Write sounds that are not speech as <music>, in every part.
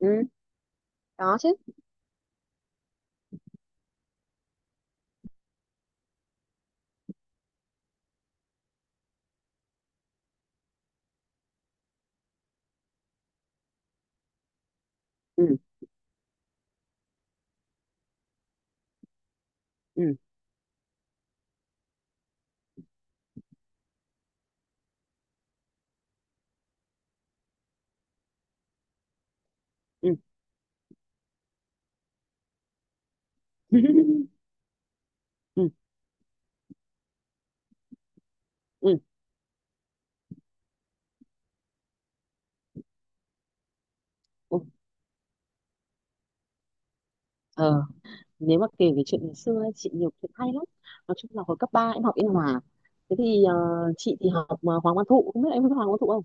Ừ, có chứ. Ừ, ừ, ừ. <laughs> Ừ, ừ, ừ. ờ nếu mà kể về chuyện ngày xưa ấy, chị nhiều chuyện hay lắm. Nói chung là hồi cấp 3 em học Yên Hòa. Thế thì chị thì học Hoàng Văn Thụ, không biết em biết Hoàng Văn Thụ không?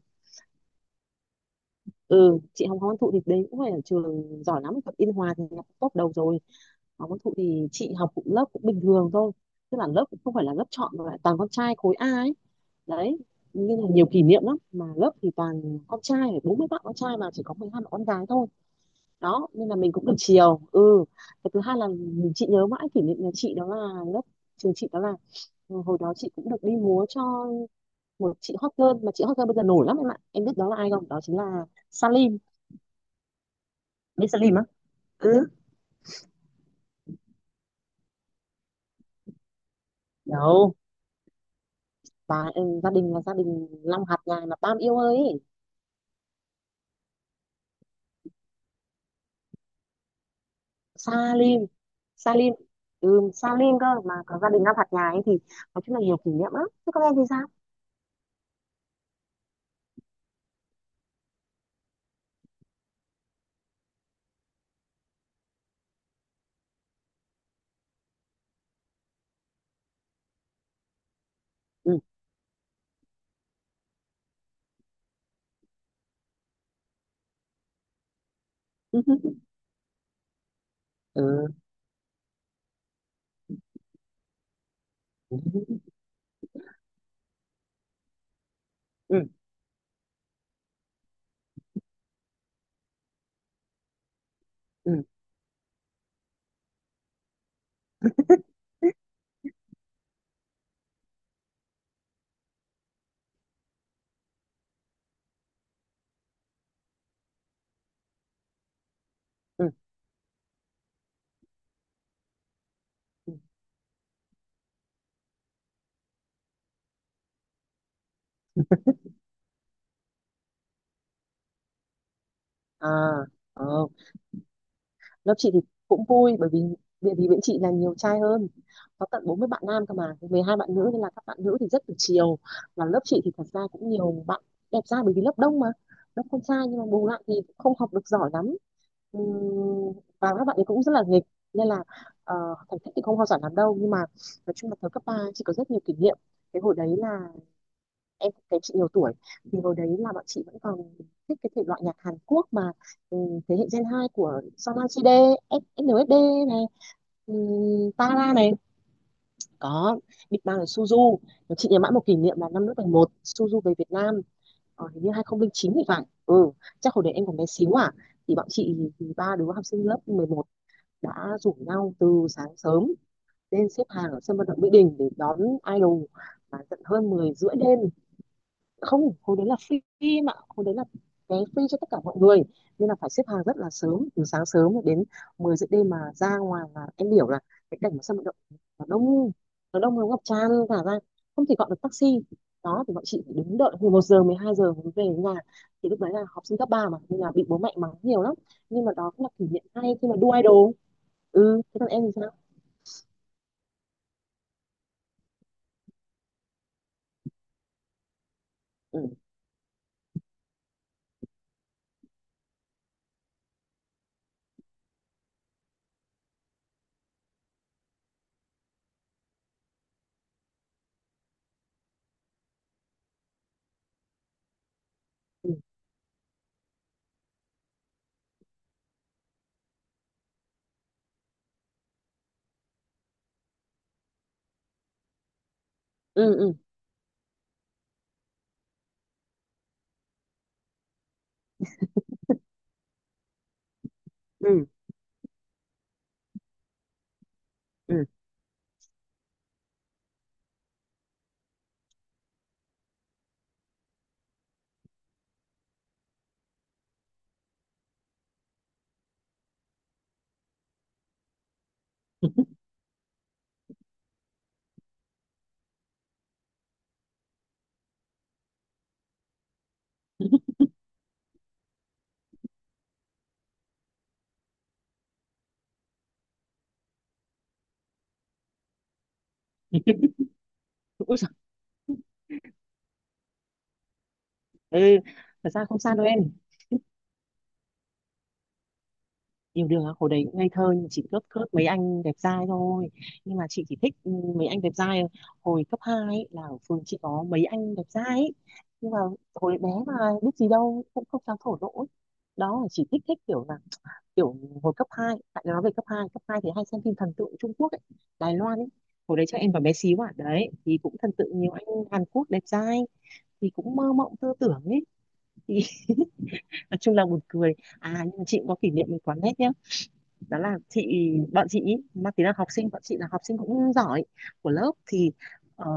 Ừ, chị học Hoàng Văn Thụ thì đấy cũng phải là trường giỏi lắm. Học Yên Hòa thì học top đầu rồi. Hoàng Văn Thụ thì chị học cũng lớp cũng bình thường thôi, tức là lớp cũng không phải là lớp chọn mà lại toàn con trai khối A ấy đấy, nên là nhiều kỷ niệm lắm mà lớp thì toàn con trai, 40 bạn con trai mà chỉ có 12 bạn con gái thôi. Đó nên là mình cũng được chiều. Ừ. Cái thứ hai là mình chị nhớ mãi kỷ niệm, nhà chị đó là lớp, trường chị đó là, hồi đó chị cũng được đi múa cho một chị hot girl, mà chị hot girl bây giờ nổi lắm em ạ, em biết đó là ai không? Đó chính là Salim. Biết Salim á? Ừ, đâu bà, gia đình là gia đình Long hạt nhà là Tam yêu ơi ấy. Salim. Salim. Ừ, Salim cơ mà có gia đình Long hạt nhà ấy thì nói chung là nhiều kỷ niệm lắm. Thế các em thì sao? Ừ. <laughs> Ừ, ừ, ừ, ừ. Ừ. À, ờ, lớp chị thì cũng vui bởi vì địa vì bên chị là nhiều trai hơn, có tận 40 bạn nam cơ mà 12 bạn nữ nên là các bạn nữ thì rất được chiều. Và lớp chị thì thật ra cũng nhiều bạn đẹp trai bởi vì lớp đông mà, lớp con trai nhưng mà bù lại thì cũng không học được giỏi lắm. Ừm, và các bạn ấy cũng rất là nghịch nên là ờ, thành tích thì không hoa giỏi lắm đâu, nhưng mà nói chung là thời cấp ba chị có rất nhiều kỷ niệm. Cái hồi đấy là em thấy chị nhiều tuổi, thì hồi đấy là bọn chị vẫn còn thích cái thể loại nhạc Hàn Quốc mà, ừ, thế hệ Gen 2 của SNSD, SNSD này, Tara này, có Big Bang là Suzu. Mà chị nhớ mãi một kỷ niệm là năm lớp 11 Suzu về Việt Nam, hình như 2009 thì phải. Ừ, chắc hồi đấy em còn bé xíu à, thì bọn chị thì ba đứa học sinh lớp 11 đã rủ nhau từ sáng sớm lên xếp hàng ở sân vận động Mỹ Đình để đón idol, và tận hơn 10:30 đêm. Không, hồi đấy là free mà, hồi đấy là vé free cho tất cả mọi người nên là phải xếp hàng rất là sớm, từ sáng sớm đến 10 giờ đêm. Mà ra ngoài là em hiểu là cái cảnh mà sân vận động nó đông, nó ngập tràn cả ra, không thể gọi được taxi. Đó thì bọn chị phải đứng đợi từ 1 giờ, 12 giờ mới về đến nhà, thì lúc đấy là học sinh cấp 3 mà nên là bị bố mẹ mắng nhiều lắm. Nhưng mà đó cũng là kỷ niệm hay khi mà đu idol. Ừ, thế còn em thì sao? Ừ, ừ, ừ, ừ, ừ, ừ. Ui giời. Ừ. Thật ra không sao đâu em, yêu đương á? Hồi đấy cũng ngây thơ, nhưng chỉ cướp cướp mấy anh đẹp trai thôi. Nhưng mà chị chỉ thích mấy anh đẹp trai hồi cấp 2 ấy, là ở phường chị có mấy anh đẹp trai ấy. Nhưng mà hồi bé mà biết gì đâu, cũng không dám thổ lộ ấy. Đó chỉ thích thích kiểu là, kiểu hồi cấp hai, tại nói về cấp hai thì hay xem phim thần tượng Trung Quốc ấy, Đài Loan ấy. Hồi đấy chắc em còn bé xíu à, đấy thì cũng thần tượng nhiều anh Hàn Quốc đẹp trai, thì cũng mơ mộng tơ tưởng ấy. <laughs> Thì nói chung là buồn cười. À, nhưng mà chị cũng có kỷ niệm với quán nét nhá, đó là bọn chị ý, mang tính là học sinh, bọn chị là học sinh cũng giỏi của lớp thì ờ,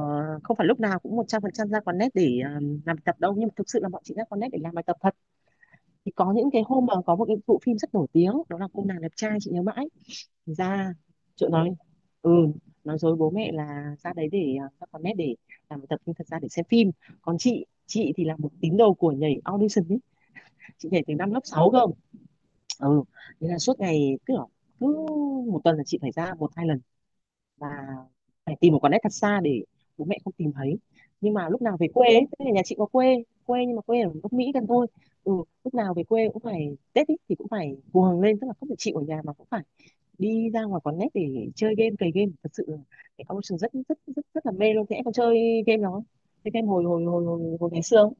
không phải lúc nào cũng 100% ra quán nét để làm bài tập đâu, nhưng mà thực sự là bọn chị ra quán nét để làm bài tập thật. Thì có những cái hôm mà có một cái bộ phim rất nổi tiếng, đó là cô nàng đẹp trai, chị nhớ mãi. Thì ra chỗ ừ nói dối bố mẹ là ra đấy để ra quán nét để làm bài tập nhưng thật ra để xem phim. Còn chị thì là một tín đồ của nhảy audition ấy. Chị nhảy từ năm lớp 6 cơ. Ừ, thế là suốt ngày cứ, cứ một tuần là chị phải ra một hai lần, và phải tìm một quán net thật xa để bố mẹ không tìm thấy. Nhưng mà lúc nào về quê ấy, tức là nhà chị có quê quê nhưng mà quê ở gốc Mỹ gần thôi. Ừ, lúc nào về quê cũng phải Tết ý, thì cũng phải cuồng lên, tức là không phải chịu ở nhà mà cũng phải đi ra ngoài quán net để chơi game, cày game thật sự là cái Ocean rất rất rất rất là mê luôn. Thế em còn chơi game đó, chơi game hồi hồi hồi hồi, hồi ngày xưa không?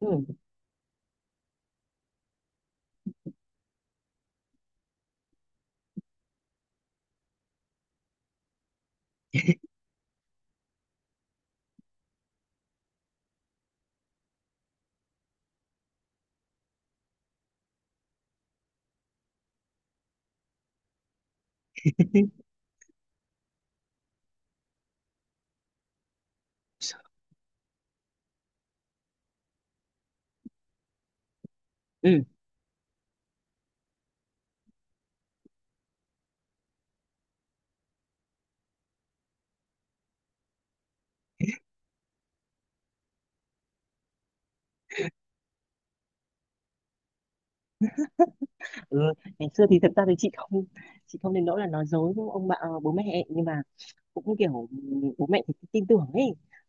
Ừ. <laughs> Ừ, ừ, ngày xưa thì thật ra thì chị không, chị không đến nỗi là nói dối với ông bà bố mẹ ấy. Nhưng mà cũng kiểu bố mẹ thì tin tưởng ấy,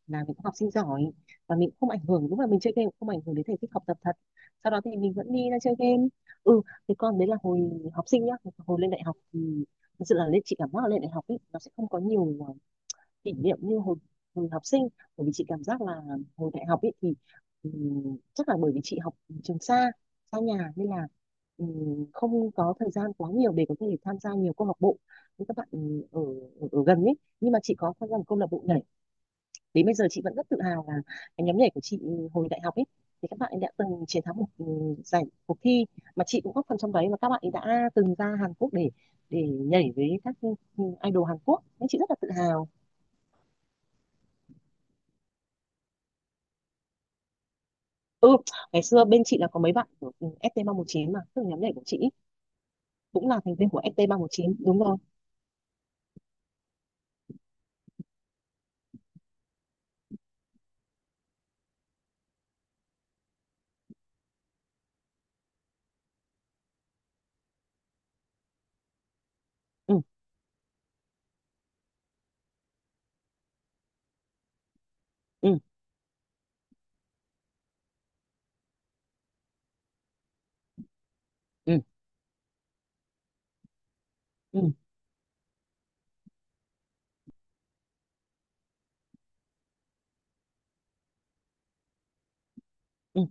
là mình cũng học sinh giỏi và mình cũng không ảnh hưởng, lúc mà mình chơi game cũng không ảnh hưởng đến thành tích học tập thật, sau đó thì mình vẫn đi ra chơi game. Ừ, thì con đấy là hồi học sinh nhá, hồi lên đại học thì thực sự là, lên chị cảm giác là lên đại học ấy nó sẽ không có nhiều kỷ niệm như hồi học sinh, bởi vì chị cảm giác là hồi đại học ấy thì chắc là bởi vì chị học trường xa, xa nhà nên là không có thời gian quá nhiều để có thể tham gia nhiều câu lạc bộ như các bạn ở, ở gần ấy. Nhưng mà chị có tham gia một câu lạc bộ nhảy, đến bây giờ chị vẫn rất tự hào là cái nhóm nhảy của chị hồi đại học ấy thì các bạn ấy đã từng chiến thắng một giải cuộc thi mà chị cũng góp phần trong đấy, và các bạn ấy đã từng ra Hàn Quốc để nhảy với các idol Hàn Quốc nên chị rất là tự hào. Ừ, ngày xưa bên chị là có mấy bạn của ST319 mà, tức là nhóm nhảy của chị cũng là thành viên của ST319, đúng rồi. Ừ, ừ, ừ, ừ, ừ,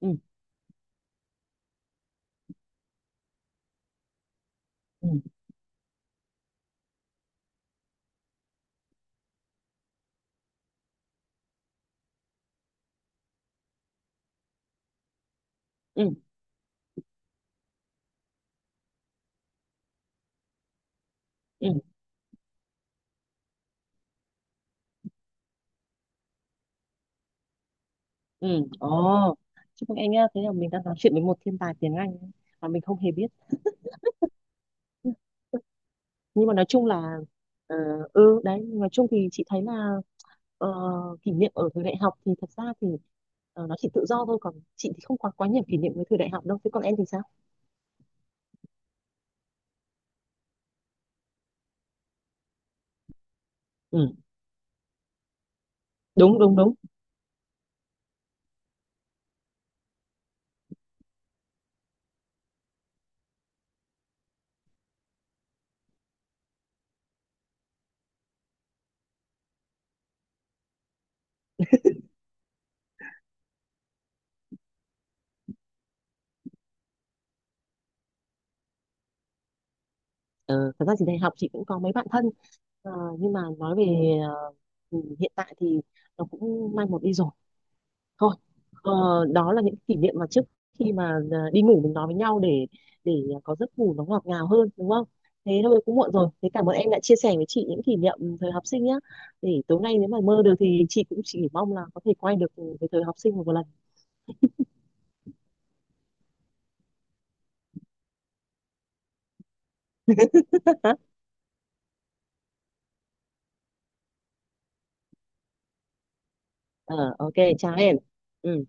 ừ, ừ, ừ, ừ, ừ. Ồ, chúc mừng em nhá, thế là mình đang nói chuyện với một thiên tài tiếng Anh mà mình không hề biết. Nhưng mà nói chung là, ờ, đấy, nói chung thì chị thấy là ờ, kỷ niệm ở thời đại học thì thật ra thì nó chỉ tự do thôi, còn chị thì không có quá nhiều kỷ niệm với thời đại học đâu, thế còn em thì sao? Ừ, đúng, đúng, đúng. Ờ, thật ra thì đại học chị cũng có mấy bạn thân, Ờ, nhưng mà nói về ờ, hiện tại thì nó cũng mai một đi rồi thôi. Ờ, đó là những kỷ niệm mà trước khi mà đi ngủ mình nói với nhau để để có giấc ngủ nó ngọt ngào hơn, đúng không? Thế thôi cũng muộn rồi, thế cảm ơn em đã chia sẻ với chị những kỷ niệm thời học sinh nhé, để tối nay nếu mà mơ được thì chị cũng chỉ mong là có thể quay được cái thời học sinh một lần. <laughs> Ờ, ok chào em. Ừ.